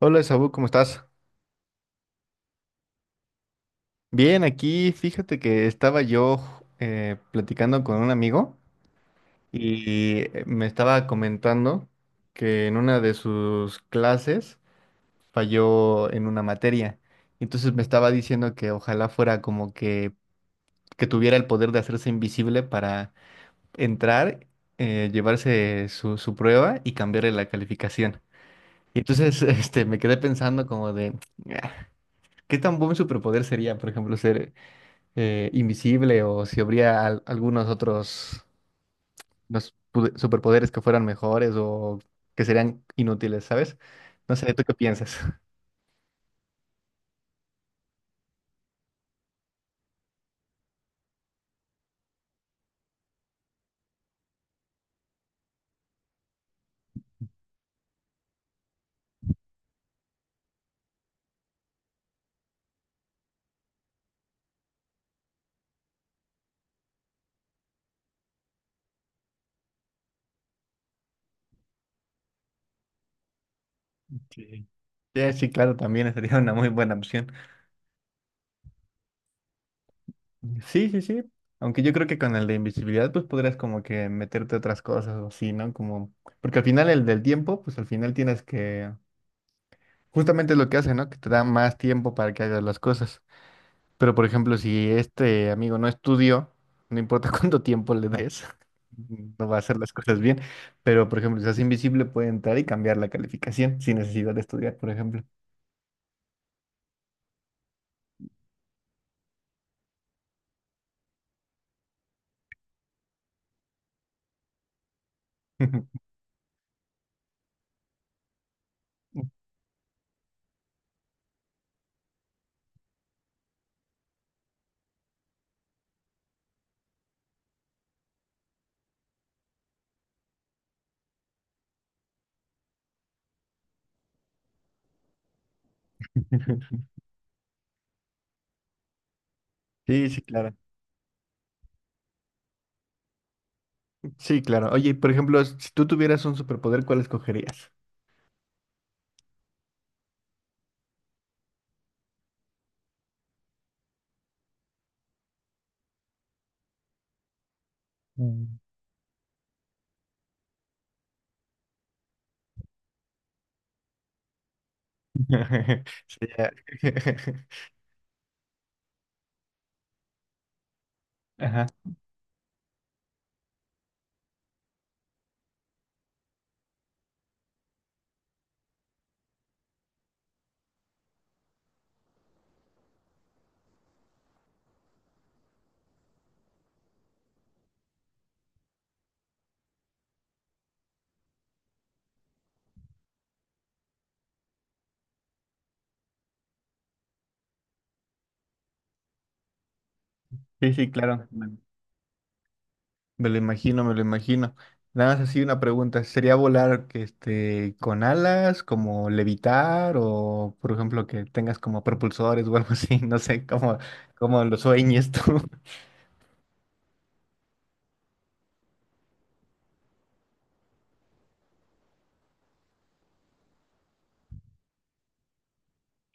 Hola, Saúl, ¿cómo estás? Bien, aquí fíjate que estaba yo platicando con un amigo y me estaba comentando que en una de sus clases falló en una materia. Entonces me estaba diciendo que ojalá fuera como que tuviera el poder de hacerse invisible para entrar, llevarse su prueba y cambiarle la calificación. Y entonces me quedé pensando como de, "Ah, ¿qué tan buen superpoder sería, por ejemplo, ser invisible o si habría algunos otros superpoderes que fueran mejores o que serían inútiles, ¿sabes? No sé, ¿tú qué piensas? Sí. Sí, sí, claro, también sería una muy buena opción. Sí, sí, sí. Aunque yo creo que con el de invisibilidad, pues podrías como que meterte otras cosas o así, ¿no? Como, porque al final el del tiempo, pues al final tienes que, justamente es lo que hace, ¿no? Que te da más tiempo para que hagas las cosas. Pero por ejemplo, si este amigo no estudió, no importa cuánto tiempo le des, no va a hacer las cosas bien. Pero por ejemplo, si se hace invisible, puede entrar y cambiar la calificación sin necesidad de estudiar, por ejemplo. Sí, sí, claro. Sí, claro. Oye, por ejemplo, si tú tuvieras un superpoder, ¿cuál escogerías? Mm. Sí, ya. Ajá. Sí, sí, claro. Me lo imagino, me lo imagino. Nada más así una pregunta. ¿Sería volar que este, con alas, como levitar, o por ejemplo que tengas como propulsores o algo así? No sé, como, como lo sueñes tú.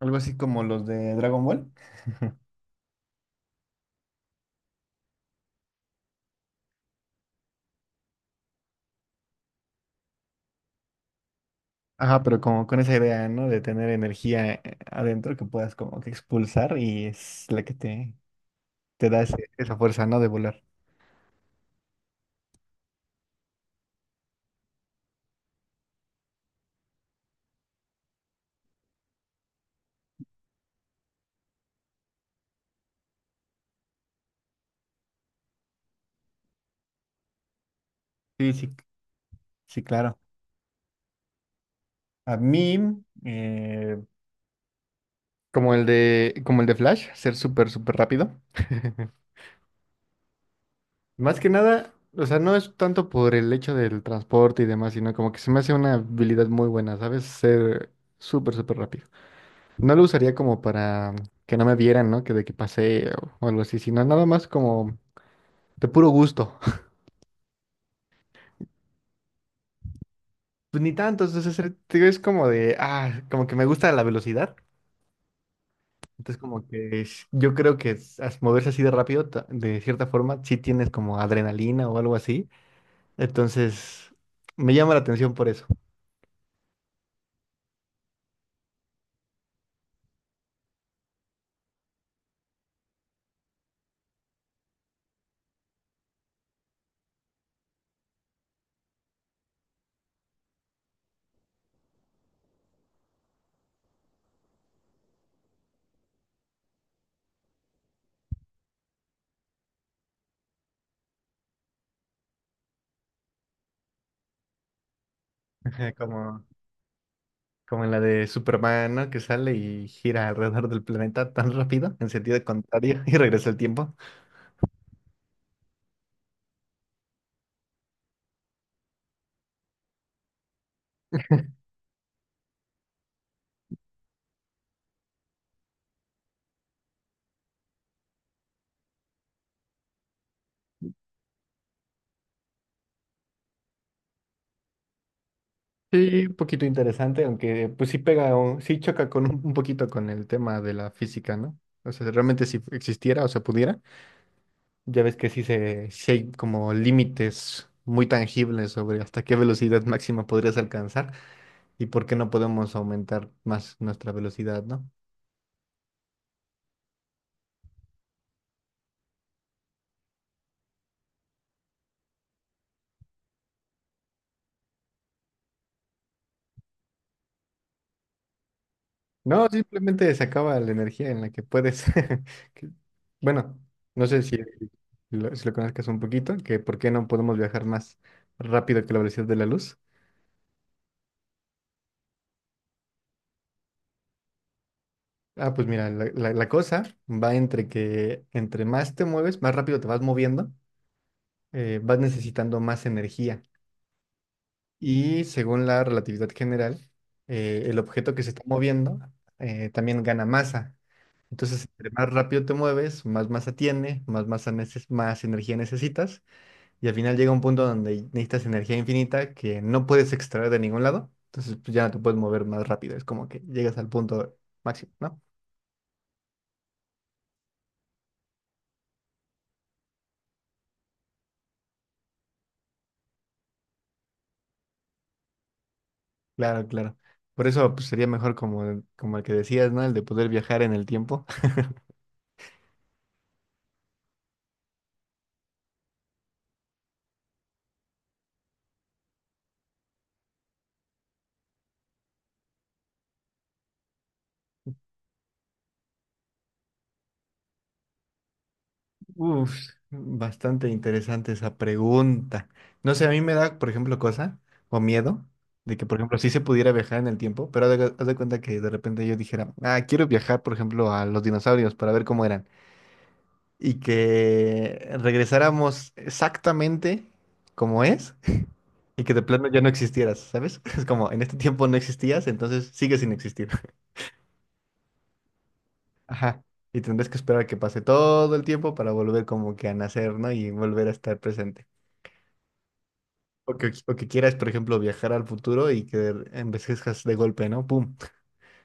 Algo así como los de Dragon Ball. Ajá, pero como con esa idea, ¿no? De tener energía adentro que puedas como que expulsar y es la que te da esa fuerza, ¿no? De volar. Sí, sí, sí, claro. A mí, eh, como como el de Flash, ser súper, súper rápido. Más que nada, o sea, no es tanto por el hecho del transporte y demás, sino como que se me hace una habilidad muy buena, ¿sabes? Ser súper, súper rápido. No lo usaría como para que no me vieran, ¿no? Que de que pasé o algo así, sino nada más como de puro gusto. Pues ni tanto, entonces es como de, ah, como que me gusta la velocidad. Entonces como que yo creo que moverse así de rápido, de cierta forma, sí tienes como adrenalina o algo así. Entonces, me llama la atención por eso. Ajá, como, como en la de Superman, ¿no? Que sale y gira alrededor del planeta tan rápido, en sentido contrario, y regresa el tiempo. Sí, un poquito interesante, aunque pues sí pega, o, sí choca con un poquito con el tema de la física, ¿no? O sea, realmente si existiera o se pudiera, ya ves que sí, sí hay como límites muy tangibles sobre hasta qué velocidad máxima podrías alcanzar y por qué no podemos aumentar más nuestra velocidad, ¿no? No, simplemente se acaba la energía en la que puedes. que- Bueno, no sé si si lo conozcas un poquito, que por qué no podemos viajar más rápido que la velocidad de la luz. Ah, pues mira, la cosa va entre que entre más te mueves, más rápido te vas moviendo, vas necesitando más energía. Y según la relatividad general, el objeto que se está moviendo también gana masa. Entonces, entre más rápido te mueves, más masa tiene, más energía necesitas. Y al final llega un punto donde necesitas energía infinita que no puedes extraer de ningún lado. Entonces, pues ya no te puedes mover más rápido. Es como que llegas al punto máximo, ¿no? Claro, claro. Por eso pues, sería mejor como, como el que decías, ¿no? El de poder viajar en el tiempo. Uf, bastante interesante esa pregunta. No sé, a mí me da, por ejemplo, cosa o miedo de que, por ejemplo, sí se pudiera viajar en el tiempo, pero haz de cuenta que de repente yo dijera, ah, quiero viajar, por ejemplo, a los dinosaurios para ver cómo eran. Y que regresáramos exactamente como es y que de plano ya no existieras, ¿sabes? Es como en este tiempo no existías, entonces sigues sin existir. Ajá. Y tendrás que esperar a que pase todo el tiempo para volver como que a nacer, ¿no? Y volver a estar presente. O que quieras, por ejemplo, viajar al futuro y que envejezcas de golpe, ¿no? ¡Pum!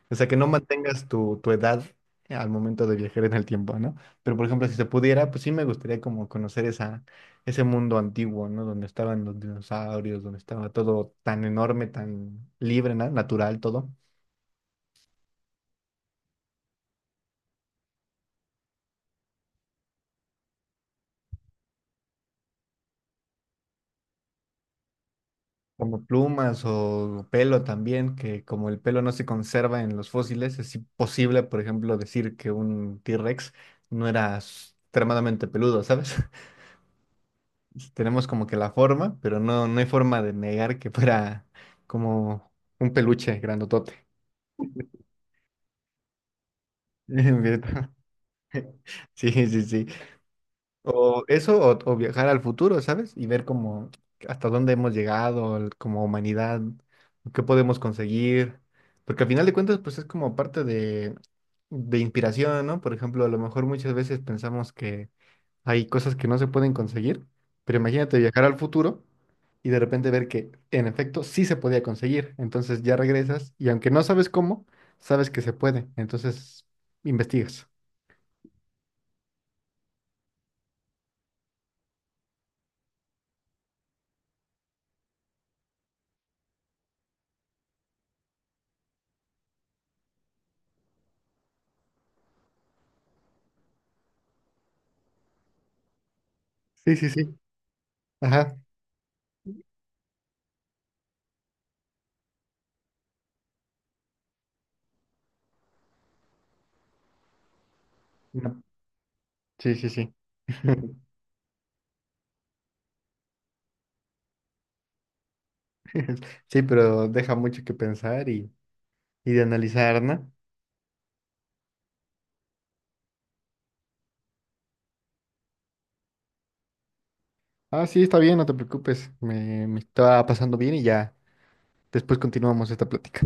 O sea, que no mantengas tu edad al momento de viajar en el tiempo, ¿no? Pero, por ejemplo, si se pudiera, pues sí me gustaría como conocer ese mundo antiguo, ¿no? Donde estaban los dinosaurios, donde estaba todo tan enorme, tan libre, ¿no? Natural todo. Como plumas o pelo también, que como el pelo no se conserva en los fósiles, es imposible, por ejemplo, decir que un T-Rex no era s- extremadamente peludo, ¿sabes? Tenemos como que la forma, pero no, no hay forma de negar que fuera como un peluche grandotote. ¿Verdad? Sí, sí, sí. O eso, o viajar al futuro, ¿sabes? Y ver como hasta dónde hemos llegado como humanidad, qué podemos conseguir. Porque al final de cuentas, pues es como parte de inspiración, ¿no? Por ejemplo, a lo mejor muchas veces pensamos que hay cosas que no se pueden conseguir, pero imagínate viajar al futuro y de repente ver que en efecto sí se podía conseguir. Entonces ya regresas y aunque no sabes cómo, sabes que se puede. Entonces investigas. Sí, sí, sí. Ajá. No, sí, sí, sí. Sí, pero deja mucho que pensar y de analizar, ¿no? Ah, sí, está bien, no te preocupes. Me estaba pasando bien y ya después continuamos esta plática.